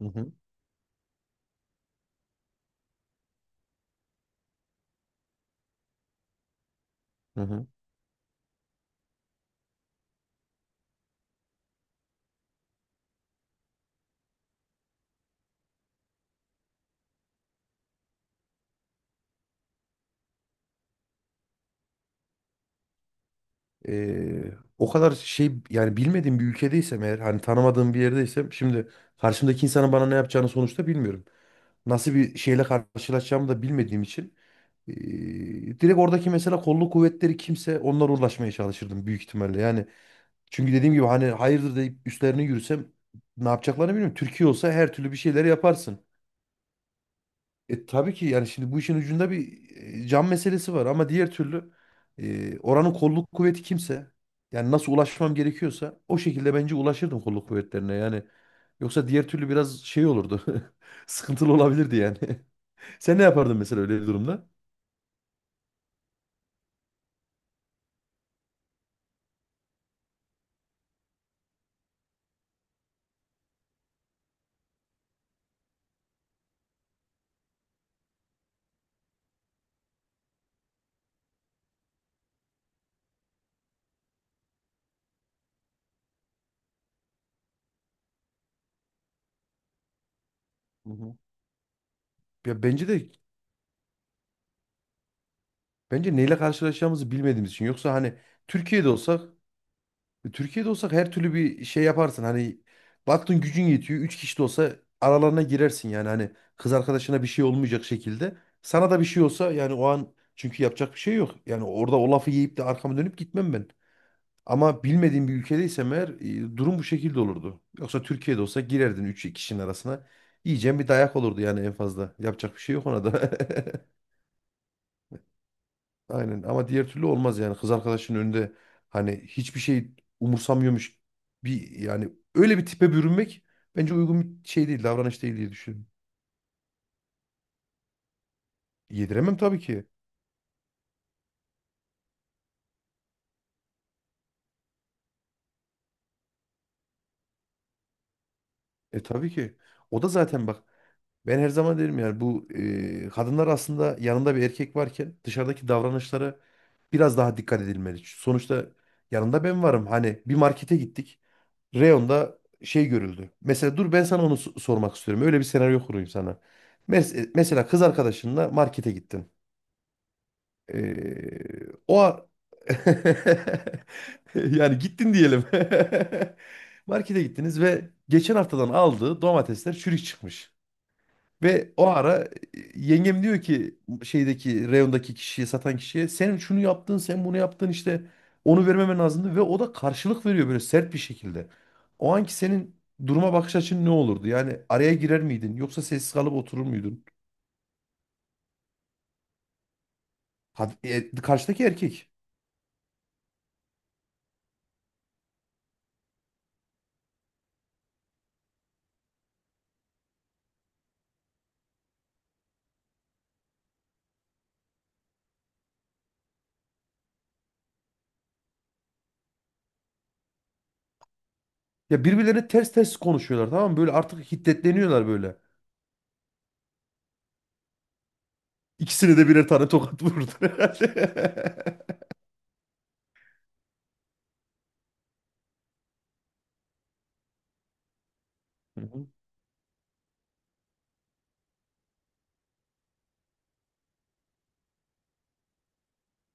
Hı hı. Hı hı. Ee, O kadar şey, yani bilmediğim bir ülkedeysem eğer, hani tanımadığım bir yerdeysem, şimdi karşımdaki insanın bana ne yapacağını sonuçta bilmiyorum. Nasıl bir şeyle karşılaşacağımı da bilmediğim için ee, direkt oradaki, mesela kolluk kuvvetleri kimse, onlara ulaşmaya çalışırdım büyük ihtimalle. Yani çünkü dediğim gibi, hani hayırdır deyip üstlerine yürüsem ne yapacaklarını bilmiyorum. Türkiye olsa her türlü bir şeyler yaparsın. Tabii ki, yani şimdi bu işin ucunda bir can meselesi var, ama diğer türlü oranın kolluk kuvveti kimse, yani nasıl ulaşmam gerekiyorsa o şekilde bence ulaşırdım kolluk kuvvetlerine, yani yoksa diğer türlü biraz şey olurdu sıkıntılı olabilirdi yani. Sen ne yapardın mesela öyle bir durumda? Hı hı. Ya bence neyle karşılaşacağımızı bilmediğimiz için. Yoksa hani Türkiye'de olsak Türkiye'de olsak her türlü bir şey yaparsın. Hani baktın gücün yetiyor. Üç kişi de olsa aralarına girersin yani. Hani kız arkadaşına bir şey olmayacak şekilde. Sana da bir şey olsa yani, o an çünkü yapacak bir şey yok. Yani orada o lafı yiyip de arkama dönüp gitmem ben. Ama bilmediğim bir ülkedeysem eğer, durum bu şekilde olurdu. Yoksa Türkiye'de olsa girerdin üç kişinin arasına. Yiyeceğin bir dayak olurdu yani, en fazla. Yapacak bir şey yok ona da. Aynen, ama diğer türlü olmaz yani, kız arkadaşının önünde hani hiçbir şey umursamıyormuş bir, yani öyle bir tipe bürünmek bence uygun bir şey değil, davranış değil diye düşünüyorum. Yediremem tabii ki. Tabii ki. O da zaten, bak ben her zaman derim yani, bu kadınlar aslında yanında bir erkek varken dışarıdaki davranışlara biraz daha dikkat edilmeli. Sonuçta yanında ben varım. Hani bir markete gittik. Reyonda şey görüldü. Mesela dur, ben sana onu sormak istiyorum. Öyle bir senaryo kurayım sana. Mesela kız arkadaşınla markete gittin. Ee, o a- yani gittin diyelim. Markete gittiniz ve geçen haftadan aldığı domatesler çürük çıkmış. Ve o ara, yengem diyor ki şeydeki, reyondaki kişiye, satan kişiye, sen şunu yaptın sen bunu yaptın işte, onu vermemen lazımdı, ve o da karşılık veriyor böyle sert bir şekilde. O anki senin duruma bakış açın ne olurdu? Yani araya girer miydin yoksa sessiz kalıp oturur muydun? Karşıdaki erkek. Ya birbirlerine ters ters konuşuyorlar, tamam mı? Böyle artık hiddetleniyorlar böyle. İkisine de birer tane tokat vurdu herhalde. Hı hı.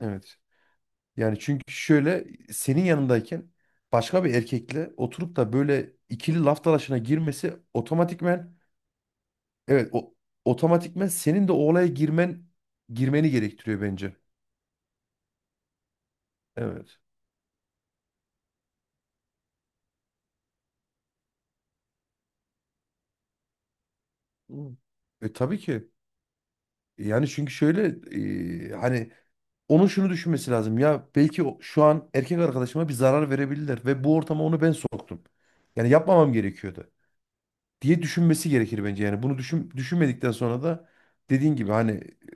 Evet. Yani çünkü şöyle, senin yanındayken başka bir erkekle oturup da böyle ikili laf dalaşına girmesi otomatikmen, evet, o otomatikmen senin de o olaya girmeni gerektiriyor bence. Evet. Hmm. Tabii ki. Yani çünkü şöyle, hani onun şunu düşünmesi lazım. Ya belki şu an erkek arkadaşıma bir zarar verebilirler, ve bu ortama onu ben soktum. Yani yapmamam gerekiyordu. Diye düşünmesi gerekir bence. Yani bunu düşünmedikten sonra da, dediğin gibi hani,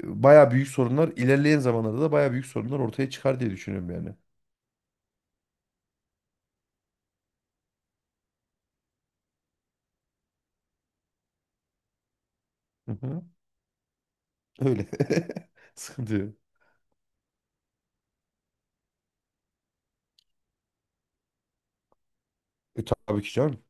bayağı büyük sorunlar, ilerleyen zamanlarda da bayağı büyük sorunlar ortaya çıkar diye düşünüyorum yani. Hı hı. Öyle. Sıkıntı yok. Tabii ki canım.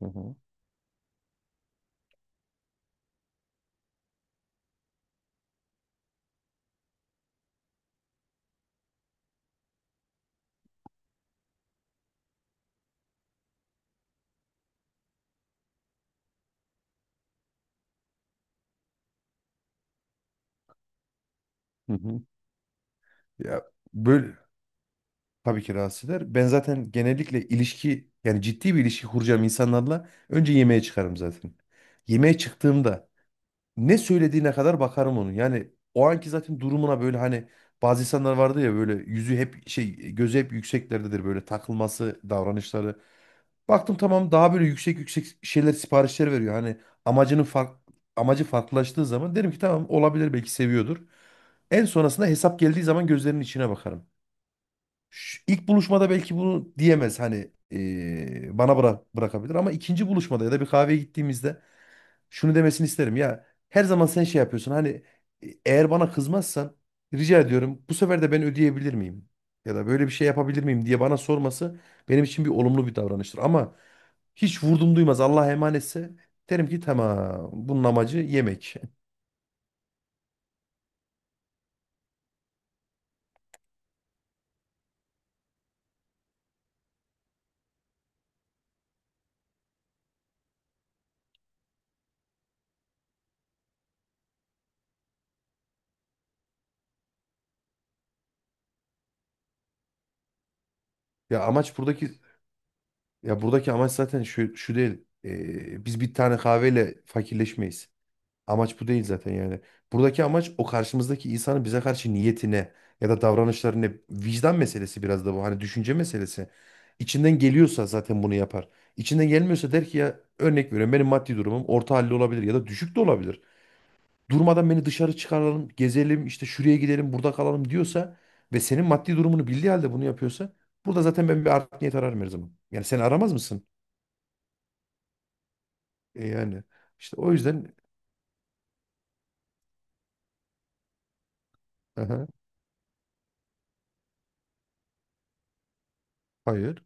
Hı hı. Hı hı. Ya böyle, tabii ki rahatsız eder. Ben zaten genellikle ilişki, yani ciddi bir ilişki kuracağım insanlarla, önce yemeğe çıkarım zaten. Yemeğe çıktığımda ne söylediğine kadar bakarım onun. Yani o anki zaten durumuna, böyle hani bazı insanlar vardı ya, böyle yüzü hep şey, gözü hep yükseklerdedir, böyle takılması, davranışları. Baktım tamam, daha böyle yüksek yüksek şeyler, siparişler veriyor. Hani amacının fark, amacı farklılaştığı zaman derim ki, tamam, olabilir, belki seviyordur. En sonrasında hesap geldiği zaman gözlerinin içine bakarım. Şu, ilk buluşmada belki bunu diyemez hani, bana bırakabilir, ama ikinci buluşmada ya da bir kahveye gittiğimizde şunu demesini isterim. Ya her zaman sen şey yapıyorsun. Hani, eğer bana kızmazsan, rica ediyorum bu sefer de ben ödeyebilir miyim? Ya da böyle bir şey yapabilir miyim diye bana sorması, benim için bir olumlu bir davranıştır. Ama hiç vurdum duymaz, Allah'a emanetse, derim ki tamam, bunun amacı yemek. Ya amaç buradaki, ya buradaki amaç zaten şu değil. Biz bir tane kahveyle fakirleşmeyiz. Amaç bu değil zaten yani. Buradaki amaç o karşımızdaki insanın bize karşı niyetine ya da davranışlarına, vicdan meselesi biraz da bu. Hani düşünce meselesi. İçinden geliyorsa zaten bunu yapar. İçinden gelmiyorsa der ki, ya örnek veriyorum, benim maddi durumum orta halli olabilir ya da düşük de olabilir. Durmadan beni dışarı çıkaralım, gezelim, işte şuraya gidelim, burada kalalım diyorsa, ve senin maddi durumunu bildiği halde bunu yapıyorsa, burada zaten ben bir art niyet ararım her zaman. Yani sen aramaz mısın? Yani işte o yüzden. Aha, hayır.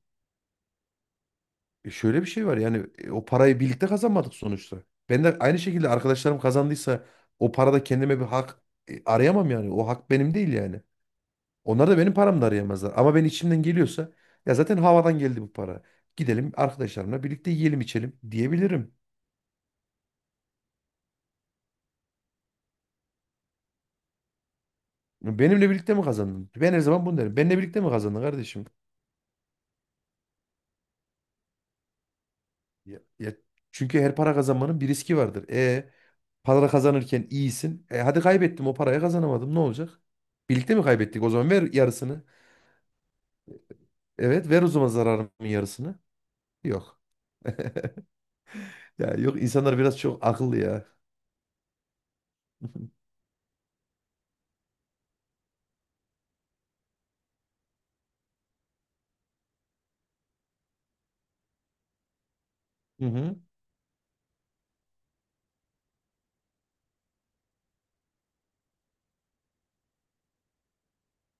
Şöyle bir şey var yani, o parayı birlikte kazanmadık sonuçta. Ben de aynı şekilde, arkadaşlarım kazandıysa o parada kendime bir hak arayamam yani. O hak benim değil yani. Onlar da benim paramda arayamazlar. Ama ben içimden geliyorsa, ya zaten havadan geldi bu para, gidelim arkadaşlarımla birlikte yiyelim içelim diyebilirim. Benimle birlikte mi kazandın? Ben her zaman bunu derim. Benimle birlikte mi kazandın kardeşim? Ya çünkü her para kazanmanın bir riski vardır. Para kazanırken iyisin. Hadi kaybettim o parayı, kazanamadım, ne olacak? Birlikte mi kaybettik? O zaman ver yarısını. Evet, ver o zaman zararımın yarısını. Yok. Ya, yok, insanlar biraz çok akıllı ya. Hı hı.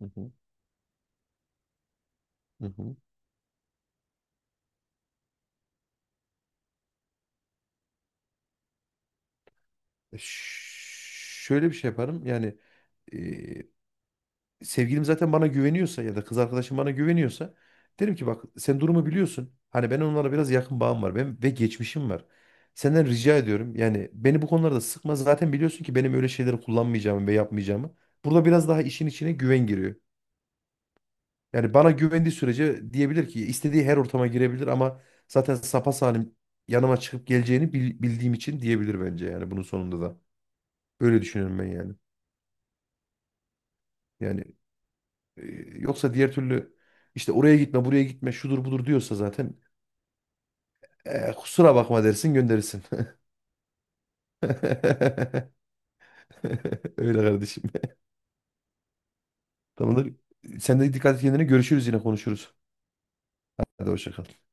Hı hı. Hı hı. Ş- Şöyle bir şey yaparım. Yani, e, sevgilim zaten bana güveniyorsa ya da kız arkadaşım bana güveniyorsa, derim ki bak, sen durumu biliyorsun. Hani ben onlara biraz yakın, bağım var, ben, ve geçmişim var. Senden rica ediyorum. Yani beni bu konularda sıkma. Zaten biliyorsun ki benim öyle şeyleri kullanmayacağımı ve yapmayacağımı. Burada biraz daha işin içine güven giriyor. Yani bana güvendiği sürece diyebilir ki istediği her ortama girebilir, ama zaten sapasalim yanıma çıkıp geleceğini bildiğim için diyebilir bence yani, bunun sonunda da. Öyle düşünüyorum ben yani. Yani, e, yoksa diğer türlü, işte oraya gitme buraya gitme şudur budur diyorsa zaten, kusura bakma dersin, gönderirsin. Öyle kardeşim. Tamamdır. Sen de dikkat et kendine, görüşürüz, yine konuşuruz. Hadi hoşça kal.